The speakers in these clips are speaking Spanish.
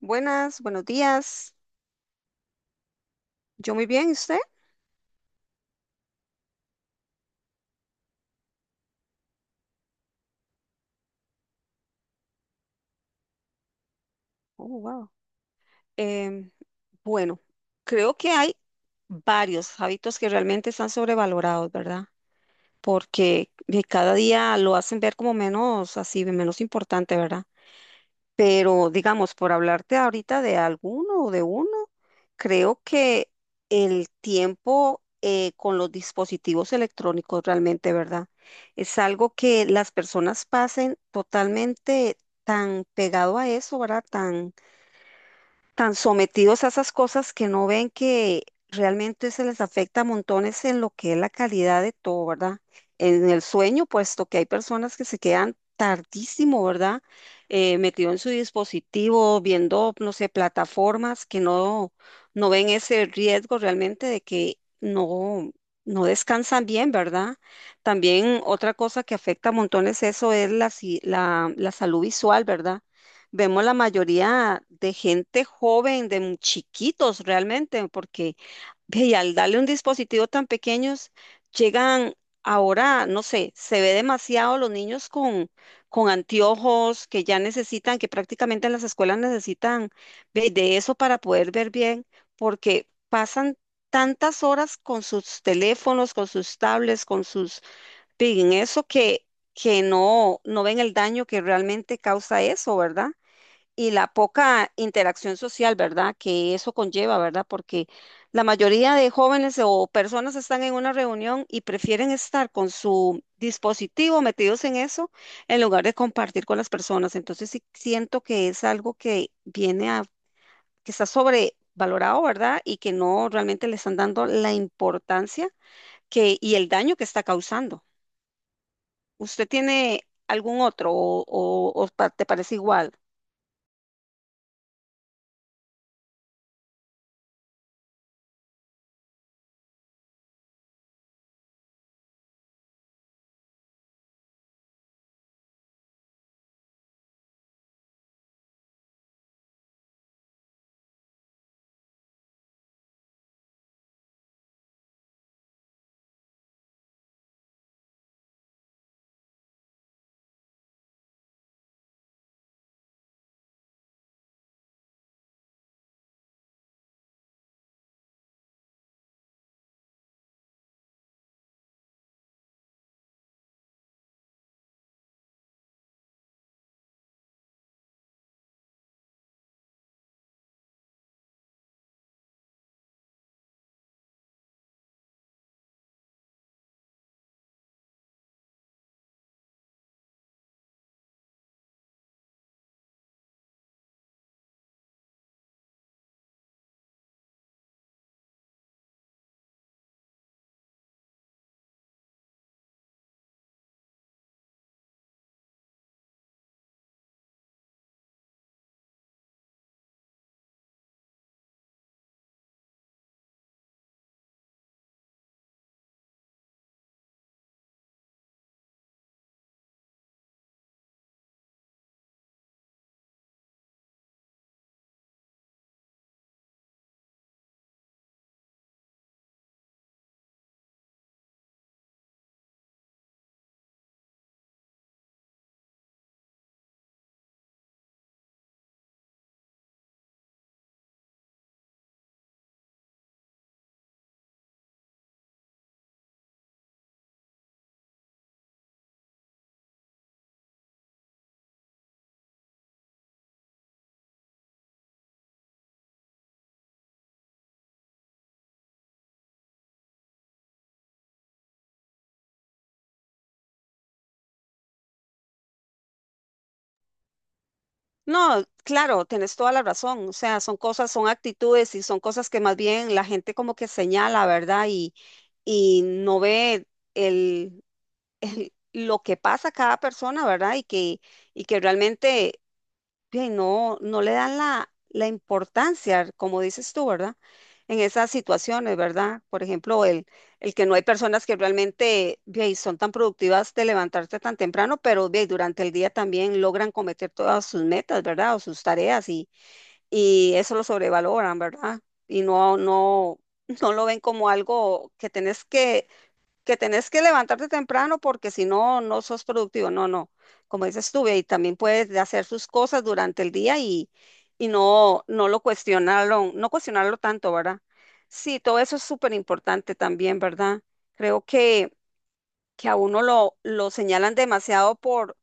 Buenas, buenos días. Yo muy bien, ¿y usted? Oh, wow. Em, bueno, creo que hay varios hábitos que realmente están sobrevalorados, ¿verdad? Porque de cada día lo hacen ver como menos así, menos importante, ¿verdad? Pero digamos, por hablarte ahorita de alguno o de uno, creo que el tiempo con los dispositivos electrónicos realmente, ¿verdad? Es algo que las personas pasen totalmente tan pegado a eso, ¿verdad? Tan sometidos a esas cosas que no ven que realmente se les afecta a montones en lo que es la calidad de todo, ¿verdad? En el sueño, puesto que hay personas que se quedan tardísimo, ¿verdad? Metido en su dispositivo, viendo, no sé, plataformas que no, no ven ese riesgo realmente de que no, no descansan bien, ¿verdad? También otra cosa que afecta a montones eso es la, si- la salud visual, ¿verdad? Vemos la mayoría de gente joven, de chiquitos realmente, porque ve, y al darle un dispositivo tan pequeños, llegan ahora, no sé, se ve demasiado los niños con anteojos que ya necesitan, que prácticamente en las escuelas necesitan ve, de eso para poder ver bien, porque pasan tantas horas con sus teléfonos, con sus tablets, con sus, ve, en que no, no ven el daño que realmente causa eso, ¿verdad? Y la poca interacción social, ¿verdad? Que eso conlleva, ¿verdad? Porque la mayoría de jóvenes o personas están en una reunión y prefieren estar con su dispositivo metidos en eso en lugar de compartir con las personas. Entonces sí siento que es algo que que está sobrevalorado, ¿verdad? Y que no realmente le están dando la importancia que, y el daño que está causando. ¿Usted tiene algún otro o te parece igual? No, claro, tienes toda la razón. O sea, son cosas, son actitudes y son cosas que más bien la gente como que señala, ¿verdad? Y no ve el, lo que pasa a cada persona, ¿verdad? Y que realmente bien, no, no le dan la importancia, como dices tú, ¿verdad? En esas situaciones, ¿verdad? Por ejemplo, el que no hay personas que realmente bien, son tan productivas de levantarse tan temprano, pero bien, durante el día también logran cometer todas sus metas, ¿verdad? O sus tareas y eso lo sobrevaloran, ¿verdad? Y no, no, no lo ven como algo que tenés que levantarte temprano porque si no, no sos productivo. No, no. Como dices tú, ve, y también puedes de hacer sus cosas durante el día y no, no cuestionarlo tanto, ¿verdad? Sí, todo eso es súper importante también, ¿verdad? Creo que a uno lo señalan demasiado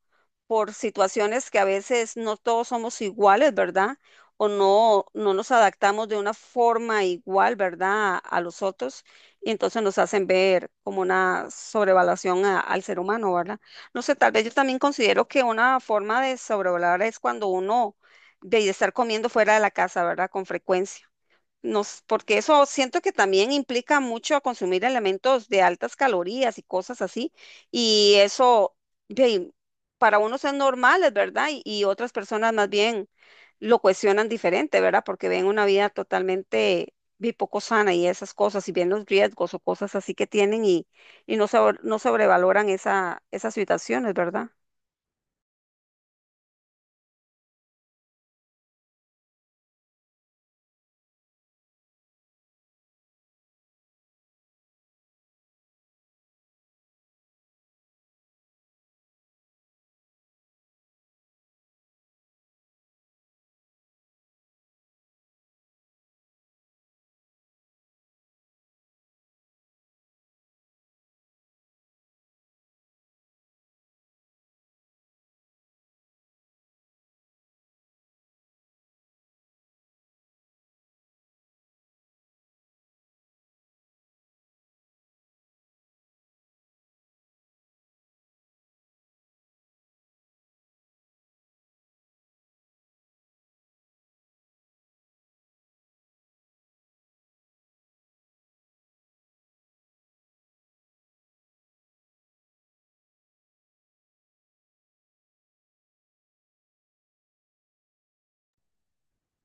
por situaciones que a veces no todos somos iguales, ¿verdad? O no, no nos adaptamos de una forma igual, ¿verdad? A los otros. Y entonces nos hacen ver como una sobrevaluación al ser humano, ¿verdad? No sé, tal vez yo también considero que una forma de sobrevalorar es cuando uno de estar comiendo fuera de la casa, ¿verdad? Con frecuencia. Nos, porque eso siento que también implica mucho consumir elementos de altas calorías y cosas así. Y eso, ve, para unos es normal, es verdad, y otras personas más bien lo cuestionan diferente, ¿verdad? Porque ven una vida totalmente ve, poco sana y esas cosas, y ven los riesgos o cosas así que tienen y no, no sobrevaloran esas situaciones, ¿verdad?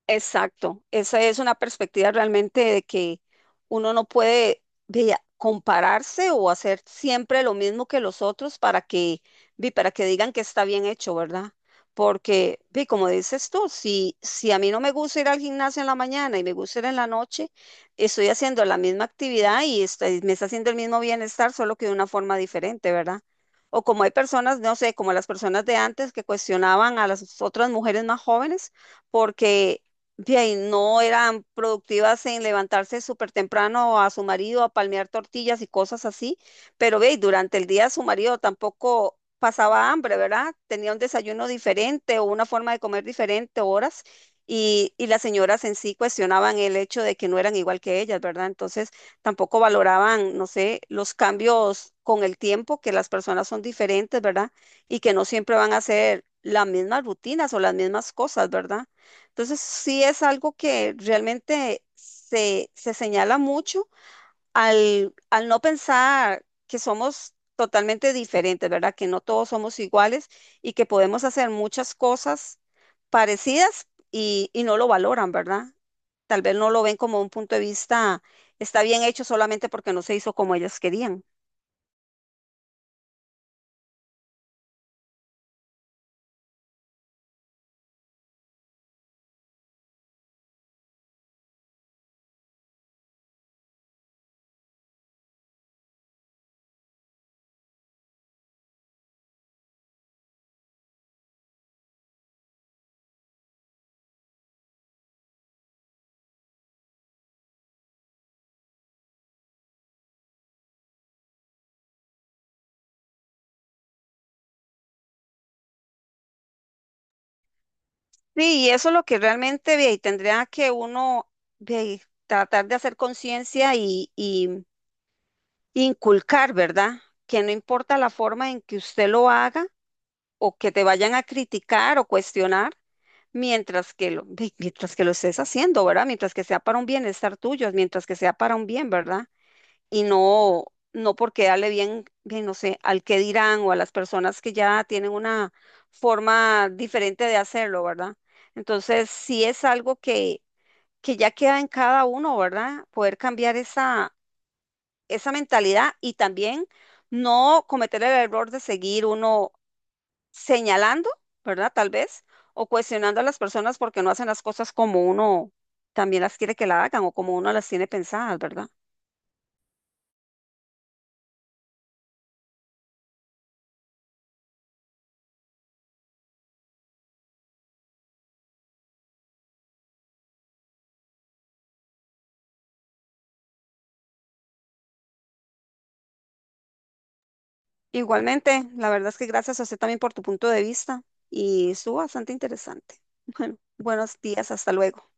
Exacto, esa es una perspectiva realmente de que uno no puede vea, compararse o hacer siempre lo mismo que los otros vi, para que digan que está bien hecho, ¿verdad? Porque, vi, como dices tú, si, si a mí no me gusta ir al gimnasio en la mañana y me gusta ir en la noche, estoy haciendo la misma actividad y me está haciendo el mismo bienestar, solo que de una forma diferente, ¿verdad? O como hay personas, no sé, como las personas de antes que cuestionaban a las otras mujeres más jóvenes porque de ahí no eran productivas en levantarse súper temprano a su marido a palmear tortillas y cosas así, pero ve, y durante el día su marido tampoco pasaba hambre, ¿verdad? Tenía un desayuno diferente o una forma de comer diferente, horas, y las señoras en sí cuestionaban el hecho de que no eran igual que ellas, ¿verdad? Entonces tampoco valoraban, no sé, los cambios con el tiempo, que las personas son diferentes, ¿verdad? Y que no siempre van a hacer las mismas rutinas o las mismas cosas, ¿verdad? Entonces, sí es algo que realmente se señala mucho al no pensar que somos totalmente diferentes, ¿verdad? Que no todos somos iguales y que podemos hacer muchas cosas parecidas y no lo valoran, ¿verdad? Tal vez no lo ven como un punto de vista, está bien hecho solamente porque no se hizo como ellas querían. Sí, y eso es lo que realmente ve, y tendría que uno ve, tratar de hacer conciencia y inculcar, ¿verdad? Que no importa la forma en que usted lo haga o que te vayan a criticar o cuestionar, mientras que lo estés haciendo, ¿verdad? Mientras que sea para un bienestar tuyo, mientras que sea para un bien, ¿verdad? Y no, no porque darle bien, bien, no sé, al que dirán o a las personas que ya tienen una forma diferente de hacerlo, ¿verdad? Entonces, sí es algo que ya queda en cada uno, ¿verdad? Poder cambiar esa esa mentalidad y también no cometer el error de seguir uno señalando, ¿verdad? Tal vez, o cuestionando a las personas porque no hacen las cosas como uno también las quiere que la hagan o como uno las tiene pensadas, ¿verdad? Igualmente, la verdad es que gracias a usted también por tu punto de vista y estuvo bastante interesante. Bueno, buenos días, hasta luego.